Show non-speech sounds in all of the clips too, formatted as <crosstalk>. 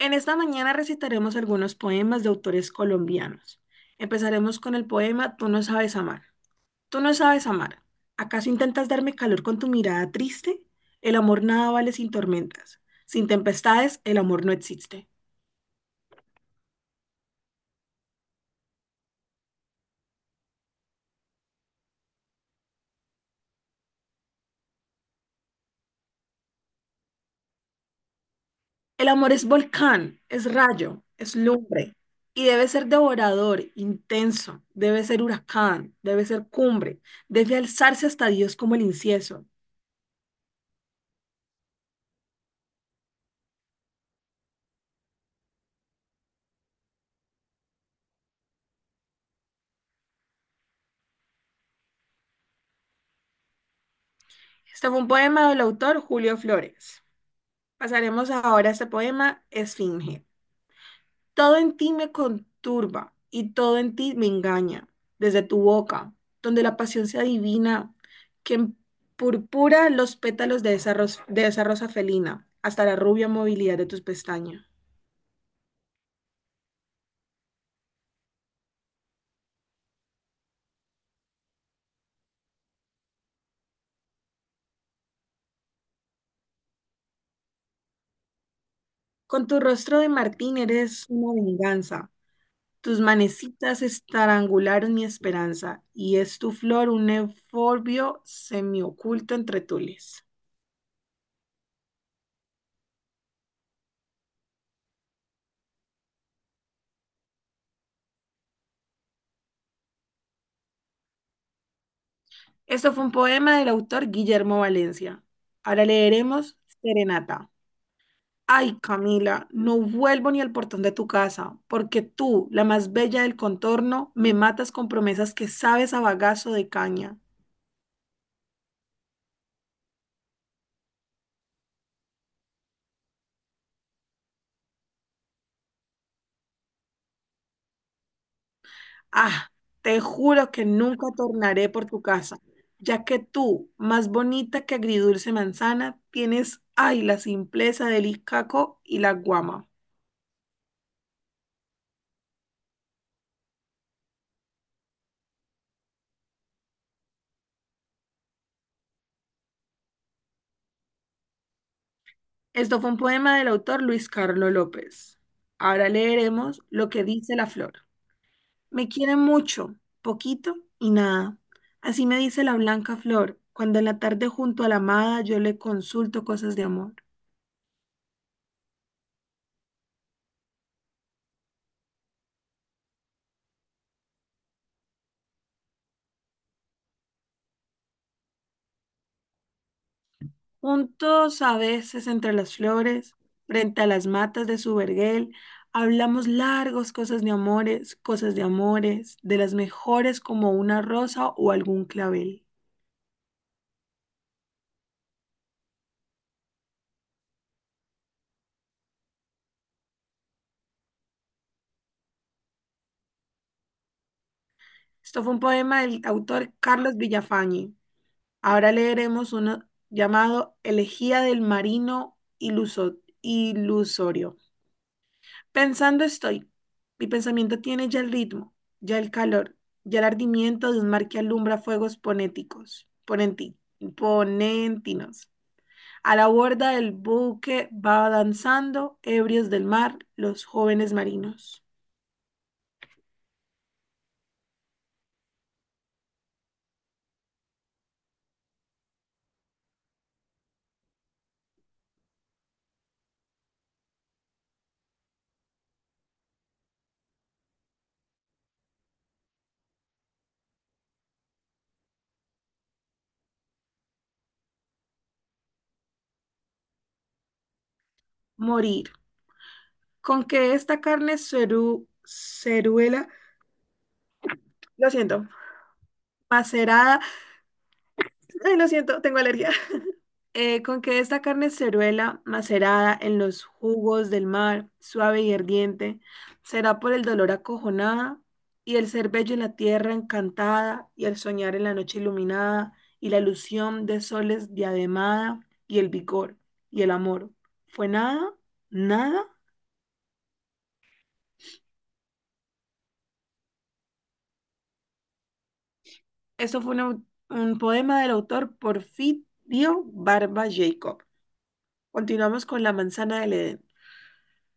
En esta mañana recitaremos algunos poemas de autores colombianos. Empezaremos con el poema Tú no sabes amar. Tú no sabes amar. ¿Acaso intentas darme calor con tu mirada triste? El amor nada vale sin tormentas. Sin tempestades, el amor no existe. El amor es volcán, es rayo, es lumbre y debe ser devorador, intenso, debe ser huracán, debe ser cumbre, debe alzarse hasta Dios como el incienso. Este fue un poema del autor Julio Flores. Pasaremos ahora a este poema Esfinge. Todo en ti me conturba y todo en ti me engaña, desde tu boca, donde la pasión se adivina, que purpura los pétalos de esa rosa felina, hasta la rubia movilidad de tus pestañas. Con tu rostro de Martín eres una venganza. Tus manecitas estrangularon mi esperanza, y es tu flor un euforbio semioculto entre tules. Esto fue un poema del autor Guillermo Valencia. Ahora leeremos Serenata. Ay, Camila, no vuelvo ni al portón de tu casa, porque tú, la más bella del contorno, me matas con promesas que sabes a bagazo de caña. Ah, te juro que nunca tornaré por tu casa, ya que tú, más bonita que agridulce manzana, tienes, ay, la simpleza del icaco y la guama. Esto fue un poema del autor Luis Carlos López. Ahora leeremos lo que dice la flor. Me quiere mucho, poquito y nada. Así me dice la blanca flor, cuando en la tarde junto a la amada yo le consulto cosas de amor. Juntos a veces entre las flores, frente a las matas de su vergel, hablamos largos cosas de amores, de las mejores como una rosa o algún clavel. Esto fue un poema del autor Carlos Villafañe. Ahora leeremos uno llamado Elegía del Marino Ilusorio. Pensando estoy. Mi pensamiento tiene ya el ritmo, ya el calor, ya el ardimiento de un mar que alumbra fuegos ponentinos. A la borda del buque va danzando, ebrios del mar, los jóvenes marinos. Morir. Con que esta carne ceruela, lo siento, macerada, <laughs> ay, lo siento, tengo alergia. Con que esta carne ceruela, macerada en los jugos del mar, suave y ardiente, será por el dolor acojonada, y el ser bello en la tierra encantada, y el soñar en la noche iluminada, y la ilusión de soles diademada, y el vigor, y el amor. ¿Fue nada? ¿Nada? Esto fue un, au- Un poema del autor Porfirio Barba Jacob. Continuamos con La manzana del Edén.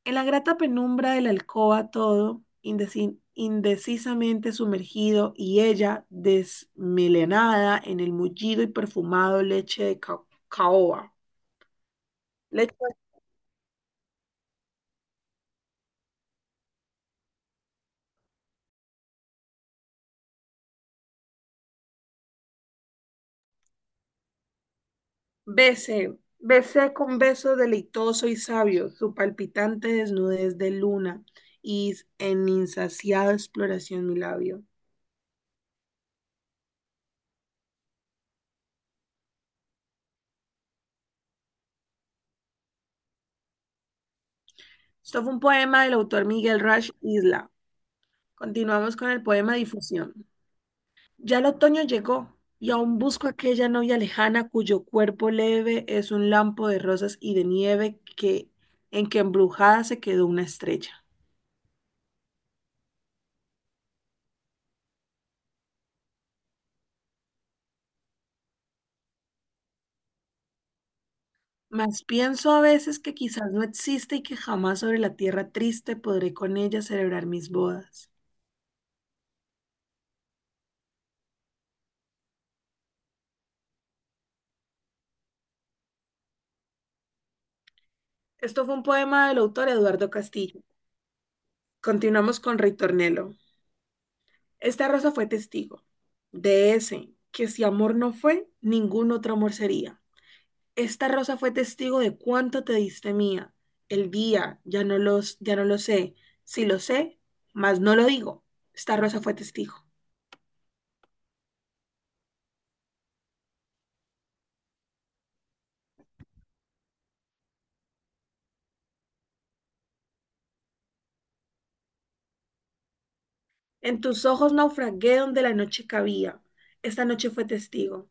En la grata penumbra de la alcoba todo, indecisamente sumergido, y ella desmelenada en el mullido y perfumado leche de caoba. Leche, besé con beso deleitoso y sabio su palpitante desnudez de luna y en insaciada exploración mi labio. Esto fue un poema del autor Miguel Rush Isla. Continuamos con el poema Difusión. Ya el otoño llegó, y aún busco aquella novia lejana cuyo cuerpo leve es un lampo de rosas y de nieve que en que embrujada se quedó una estrella. Mas pienso a veces que quizás no existe y que jamás sobre la tierra triste podré con ella celebrar mis bodas. Esto fue un poema del autor Eduardo Castillo. Continuamos con Ritornello. Esta rosa fue testigo de ese que si amor no fue, ningún otro amor sería. Esta rosa fue testigo de cuánto te diste mía. El día, ya no lo sé. Si lo sé, mas no lo digo. Esta rosa fue testigo. En tus ojos naufragué donde la noche cabía. Esta noche fue testigo.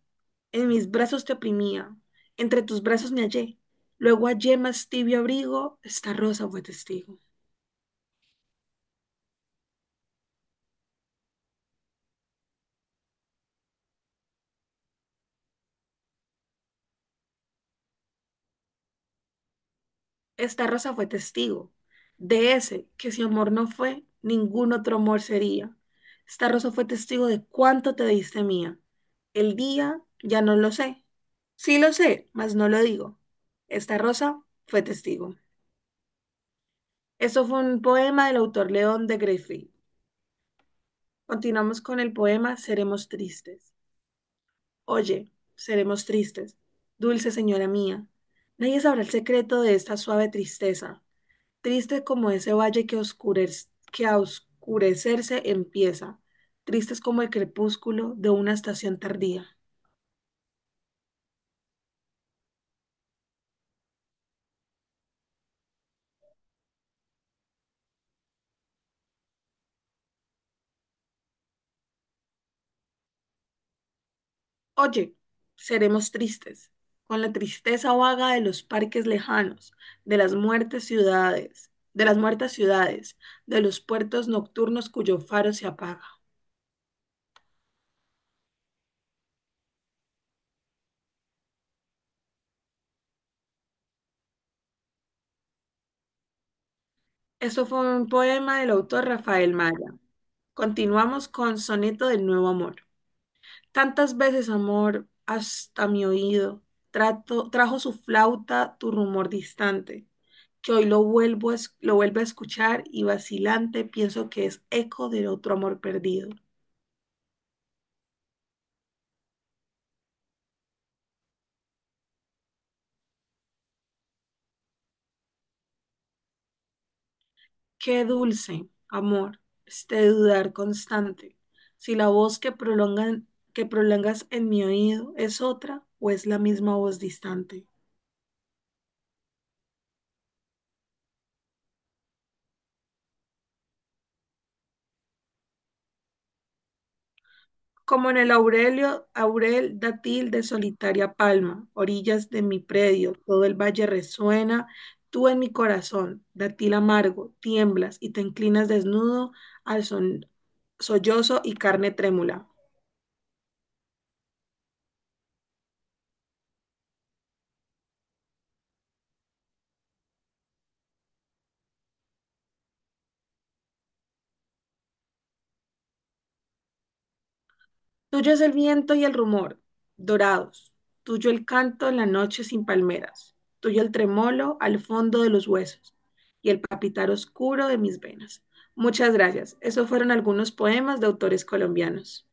En mis brazos te oprimía. Entre tus brazos me hallé. Luego hallé más tibio abrigo. Esta rosa fue testigo. Esta rosa fue testigo de ese que si amor no fue, ningún otro amor sería. Esta rosa fue testigo de cuánto te diste mía. El día ya no lo sé. Sí lo sé, mas no lo digo. Esta rosa fue testigo. Esto fue un poema del autor León de Griffith. Continuamos con el poema Seremos tristes. Oye, seremos tristes. Dulce señora mía, nadie sabrá el secreto de esta suave tristeza. Triste como ese valle que que a oscurecerse empieza. Tristes como el crepúsculo de una estación tardía. Oye, seremos tristes, con la tristeza vaga de los parques lejanos, de las muertas ciudades, de los puertos nocturnos cuyo faro se apaga. Esto fue un poema del autor Rafael Maya. Continuamos con Soneto del Nuevo Amor. Tantas veces, amor, hasta mi oído, trajo su flauta tu rumor distante, que hoy lo vuelvo a escuchar y vacilante pienso que es eco de otro amor perdido. Qué dulce, amor, este dudar constante, si la voz que prolongas en mi oído es otra o es la misma voz distante. Como en el Aurelio, Aurel dátil de solitaria palma, orillas de mi predio, todo el valle resuena, tú en mi corazón, dátil amargo, tiemblas y te inclinas desnudo al son- sollozo y carne trémula. Tuyo es el viento y el rumor, dorados, tuyo el canto en la noche sin palmeras, tuyo el tremolo al fondo de los huesos y el papitar oscuro de mis venas. Muchas gracias. Esos fueron algunos poemas de autores colombianos.